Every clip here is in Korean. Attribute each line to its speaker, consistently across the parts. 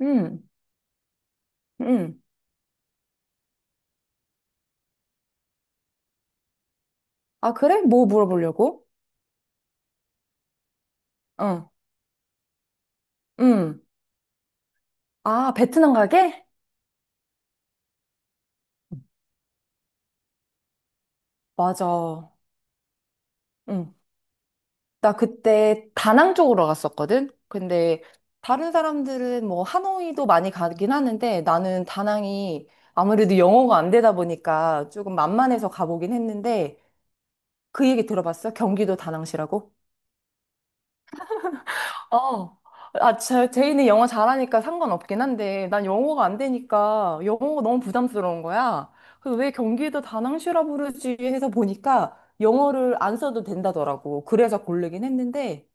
Speaker 1: 음, 음. 아, 그래? 뭐 물어보려고? 어, 음. 아, 베트남 가게? 맞아. 응. 나 그때 다낭 쪽으로 갔었거든? 근데 다른 사람들은 뭐 하노이도 많이 가긴 하는데 나는 다낭이 아무래도 영어가 안 되다 보니까 조금 만만해서 가보긴 했는데 그 얘기 들어봤어? 경기도 다낭시라고? 어. 아, 제인이 영어 잘하니까 상관없긴 한데, 난 영어가 안 되니까 영어가 너무 부담스러운 거야. 그래서 왜 경기도 다낭슈라 부르지 해서 보니까 영어를 안 써도 된다더라고. 그래서 고르긴 했는데,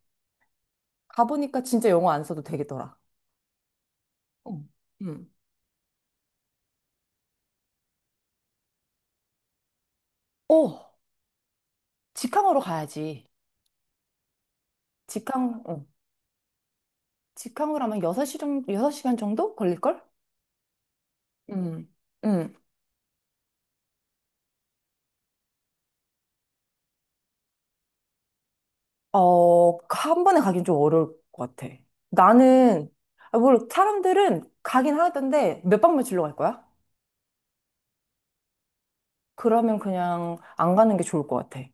Speaker 1: 가보니까 진짜 영어 안 써도 되겠더라. 어. 음. 어, 직항으로 가야지. 직항, 어. 직항으로 하면 6시 정도, 여섯 시간 정도 걸릴걸? 음. 음. 어, 그 한 번에 가긴 좀 어려울 것 같아. 나는, 아, 뭘, 사람들은 가긴 하던데 몇 박 며칠로 갈 거야? 그러면 그냥 안 가는 게 좋을 것 같아.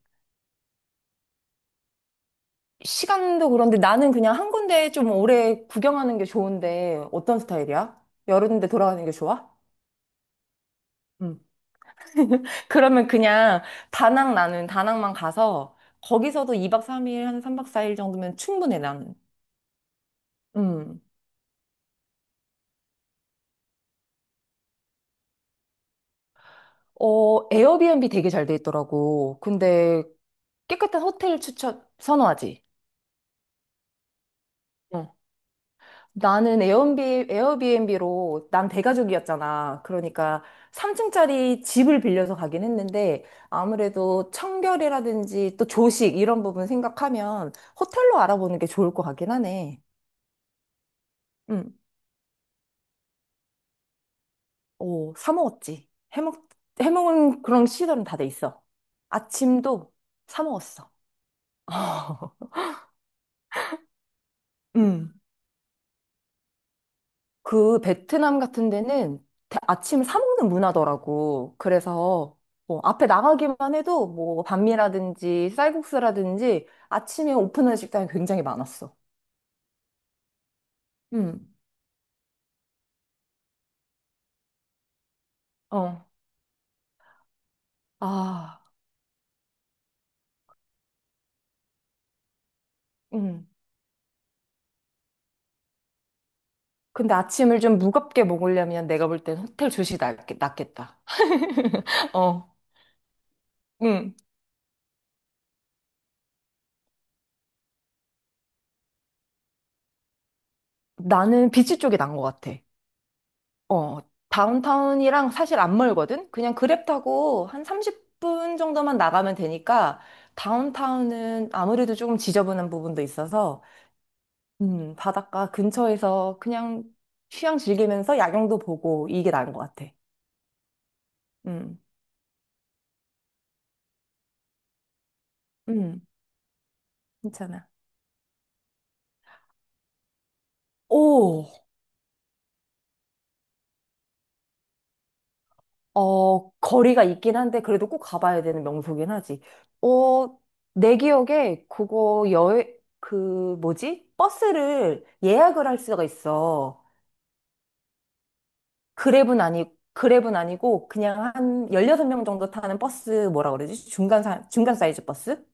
Speaker 1: 시간도 그런데 나는 그냥 한 군데 좀 오래 구경하는 게 좋은데 어떤 스타일이야? 여러 군데 돌아가는 게 좋아? 응. 그러면 그냥 다낭 나는 다낭만 가서 거기서도 2박 3일 한 3박 4일 정도면 충분해 나는. 음. 어, 에어비앤비 되게 잘 돼 있더라고. 근데 깨끗한 호텔 추천 선호하지. 어. 나는 에어비앤비로 난 대가족이었잖아. 그러니까 3층짜리 집을 빌려서 가긴 했는데 아무래도 청결이라든지 또 조식 이런 부분 생각하면 호텔로 알아보는 게 좋을 것 같긴 하네. 응. 오, 사 먹었지. 해먹은 그런 시설은 다 돼 있어. 아침도 사 먹었어. 응. 그 베트남 같은 데는 아침을 사 먹는 문화더라고. 그래서 뭐 앞에 나가기만 해도 뭐 반미라든지 쌀국수라든지 아침에 오픈하는 식당이 굉장히 많았어. 음. 어. 아. 음. 근데 아침을 좀 무겁게 먹으려면 내가 볼 땐 호텔 조식이 낫겠다. 어. 음. 나는 비치 쪽이 난 것 같아. 어, 다운타운이랑 사실 안 멀거든? 그냥 그랩 타고 한 30분 정도만 나가면 되니까 다운타운은 아무래도 조금 지저분한 부분도 있어서 바닷가 근처에서 그냥 휴양 즐기면서 야경도 보고 이게 나은 것 같아. 음, 음, 괜찮아. 오, 어, 거리가 있긴 한데 그래도 꼭 가봐야 되는 명소긴 하지. 어, 내 기억에 그 뭐지? 버스를 예약을 할 수가 있어. 그랩은 아니, 그랩은 아니고, 그냥 한 16명 정도 타는 버스, 뭐라 그러지? 중간 사이즈 버스?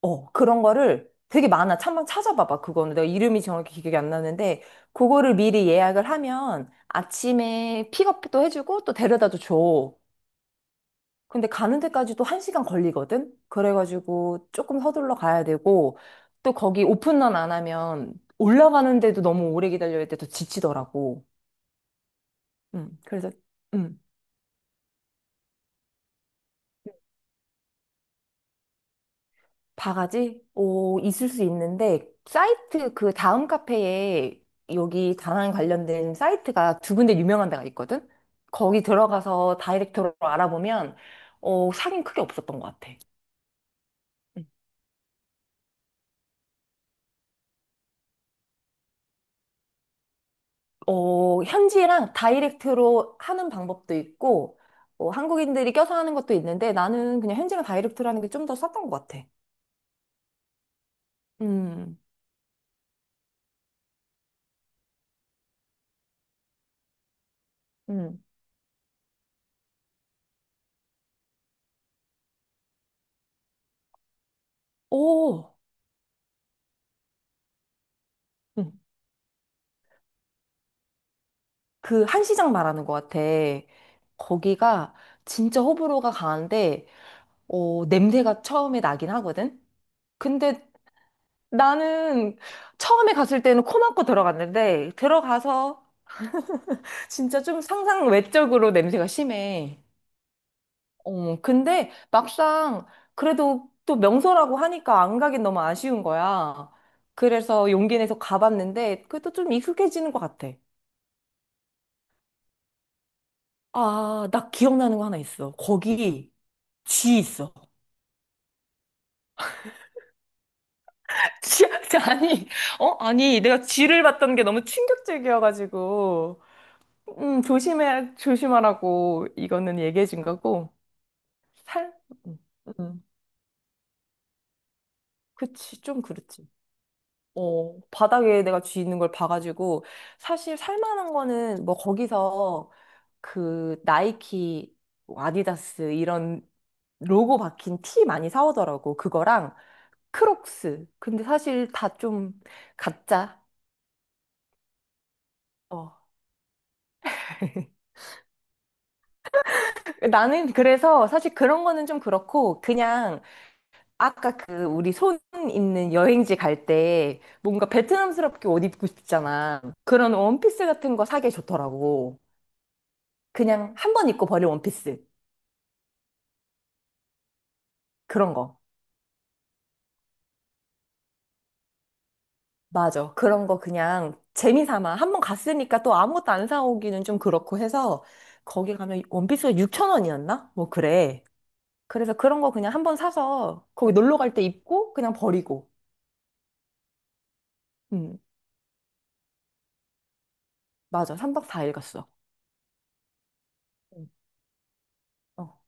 Speaker 1: 어, 그런 거를 되게 많아. 한번 찾아봐봐, 그거는. 내가 이름이 정확히 기억이 안 나는데, 그거를 미리 예약을 하면 아침에 픽업도 해주고 또 데려다도 줘. 근데 가는 데까지도 한시간 걸리거든? 그래가지고 조금 서둘러 가야 되고, 또 거기 오픈런 안 하면 올라가는데도 너무 오래 기다려야 돼. 더 지치더라고. 그래서. 음. 바가지? 오, 있을 수 있는데, 그 다음 카페에 여기 다낭 관련된 사이트가 두 군데 유명한 데가 있거든? 거기 들어가서 다이렉트로 알아보면, 어, 사기는 크게 없었던 것 같아. 응. 어, 현지랑 다이렉트로 하는 방법도 있고, 어, 한국인들이 껴서 하는 것도 있는데, 나는 그냥 현지랑 다이렉트로 하는 게 좀 더 쌌던 것 같아. 음, 음. 오, 그 한시장 말하는 것 같아. 거기가 진짜 호불호가 강한데, 어, 냄새가 처음에 나긴 하거든? 근데 나는 처음에 갔을 때는 코 막고 들어갔는데, 들어가서 진짜 좀 상상 외적으로 냄새가 심해. 어, 근데 막상 그래도 또 명소라고 하니까 안 가긴 너무 아쉬운 거야. 그래서 용기 내서 가봤는데, 그래도 좀 익숙해지는 것 같아. 아, 나 기억나는 거 하나 있어. 거기 쥐 있어. 지, 아니, 어? 아니, 내가 쥐를 봤던 게 너무 충격적이어가지고, 조심하라고, 이거는 얘기해준 거고, 살, 음, 음, 그치, 좀 그렇지. 어, 바닥에 내가 쥐 있는 걸 봐가지고, 사실 살만한 거는 뭐 거기서 그 나이키, 뭐 아디다스 이런 로고 박힌 티 많이 사오더라고, 그거랑 크록스. 근데 사실 다 좀 가짜. 어. 나는 그래서 사실 그런 거는 좀 그렇고 그냥 아까 그 우리 손 있는 여행지 갈 때 뭔가 베트남스럽게 옷 입고 싶잖아. 그런 원피스 같은 거 사기 좋더라고. 그냥 한 번 입고 버릴 원피스. 그런 거. 맞아. 그런 거 그냥 재미 삼아. 한 번 갔으니까 또 아무것도 안 사오기는 좀 그렇고 해서 거기 가면 원피스가 6천 원이었나? 뭐 그래. 그래서 그런 거 그냥 한번 사서 거기 놀러 갈 때 입고 그냥 버리고. 음, 맞아. 3박 4일 갔어. 음. 어,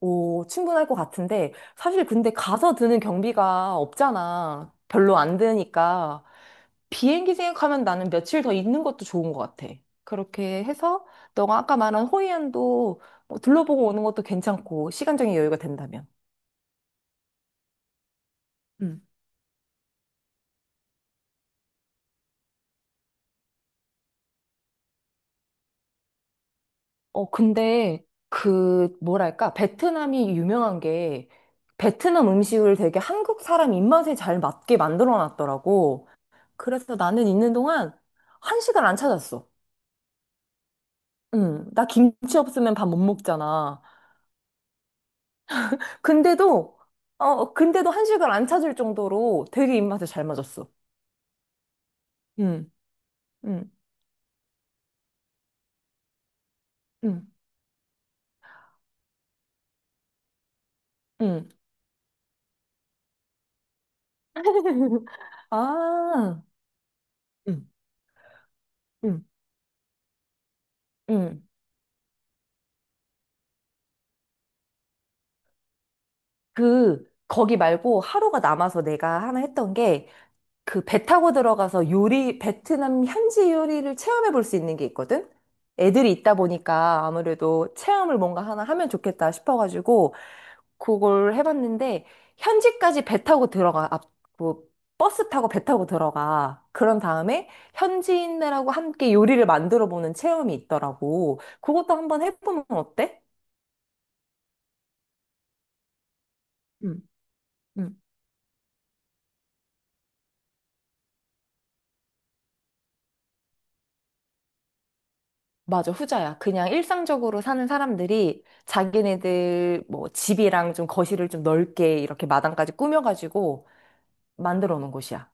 Speaker 1: 오, 충분할 것 같은데, 사실 근데 가서 드는 경비가 없잖아. 별로 안 드니까. 비행기 생각하면 나는 며칠 더 있는 것도 좋은 것 같아. 그렇게 해서, 너가 아까 말한 호이안도 뭐 둘러보고 오는 것도 괜찮고, 시간적인 여유가 된다면. 음. 어, 근데 그, 뭐랄까, 베트남이 유명한 게, 베트남 음식을 되게 한국 사람 입맛에 잘 맞게 만들어 놨더라고. 그래서 나는 있는 동안 한식을 안 찾았어. 응, 나 김치 없으면 밥 못 먹잖아. 근데도, 어, 근데도 한식을 안 찾을 정도로 되게 입맛에 잘 맞았어. 응, 응, 응, 응. 아, 응, 응, 응. 그, 거기 말고 하루가 남아서 내가 하나 했던 게, 그 배 타고 들어가서 요리, 베트남 현지 요리를 체험해 볼 수 있는 게 있거든? 애들이 있다 보니까 아무래도 체험을 뭔가 하나 하면 좋겠다 싶어가지고, 그걸 해봤는데 현지까지 배 타고 들어가 앞, 뭐 버스 타고 배 타고 들어가 그런 다음에 현지인들하고 함께 요리를 만들어 보는 체험이 있더라고 그것도 한번 해보면 어때? 음, 음, 맞아, 후자야. 그냥 일상적으로 사는 사람들이 자기네들 뭐 집이랑 좀 거실을 좀 넓게 이렇게 마당까지 꾸며가지고 만들어 놓은 곳이야.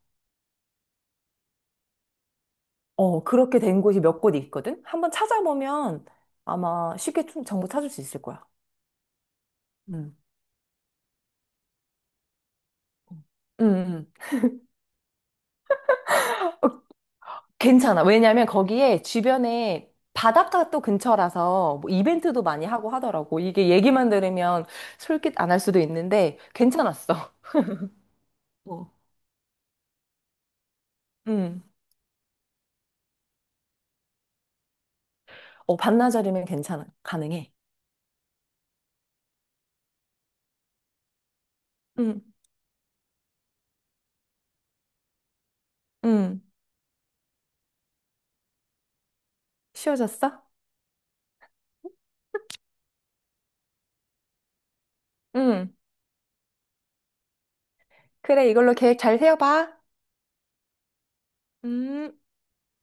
Speaker 1: 어, 그렇게 된 곳이 몇 곳이 있거든? 한번 찾아보면 아마 쉽게 좀 정보 찾을 수 있을 거야. 음. 응, 괜찮아. 왜냐면 거기에 주변에 바닷가 또 근처라서 뭐 이벤트도 많이 하고 하더라고. 이게 얘기만 들으면 솔깃 안 할 수도 있는데 괜찮았어. 어. 음. 어, 반나절이면 괜찮아. 가능해. 음. 음. 쉬워졌어? 음. 그래, 이걸로 계획 잘 세워봐. 음.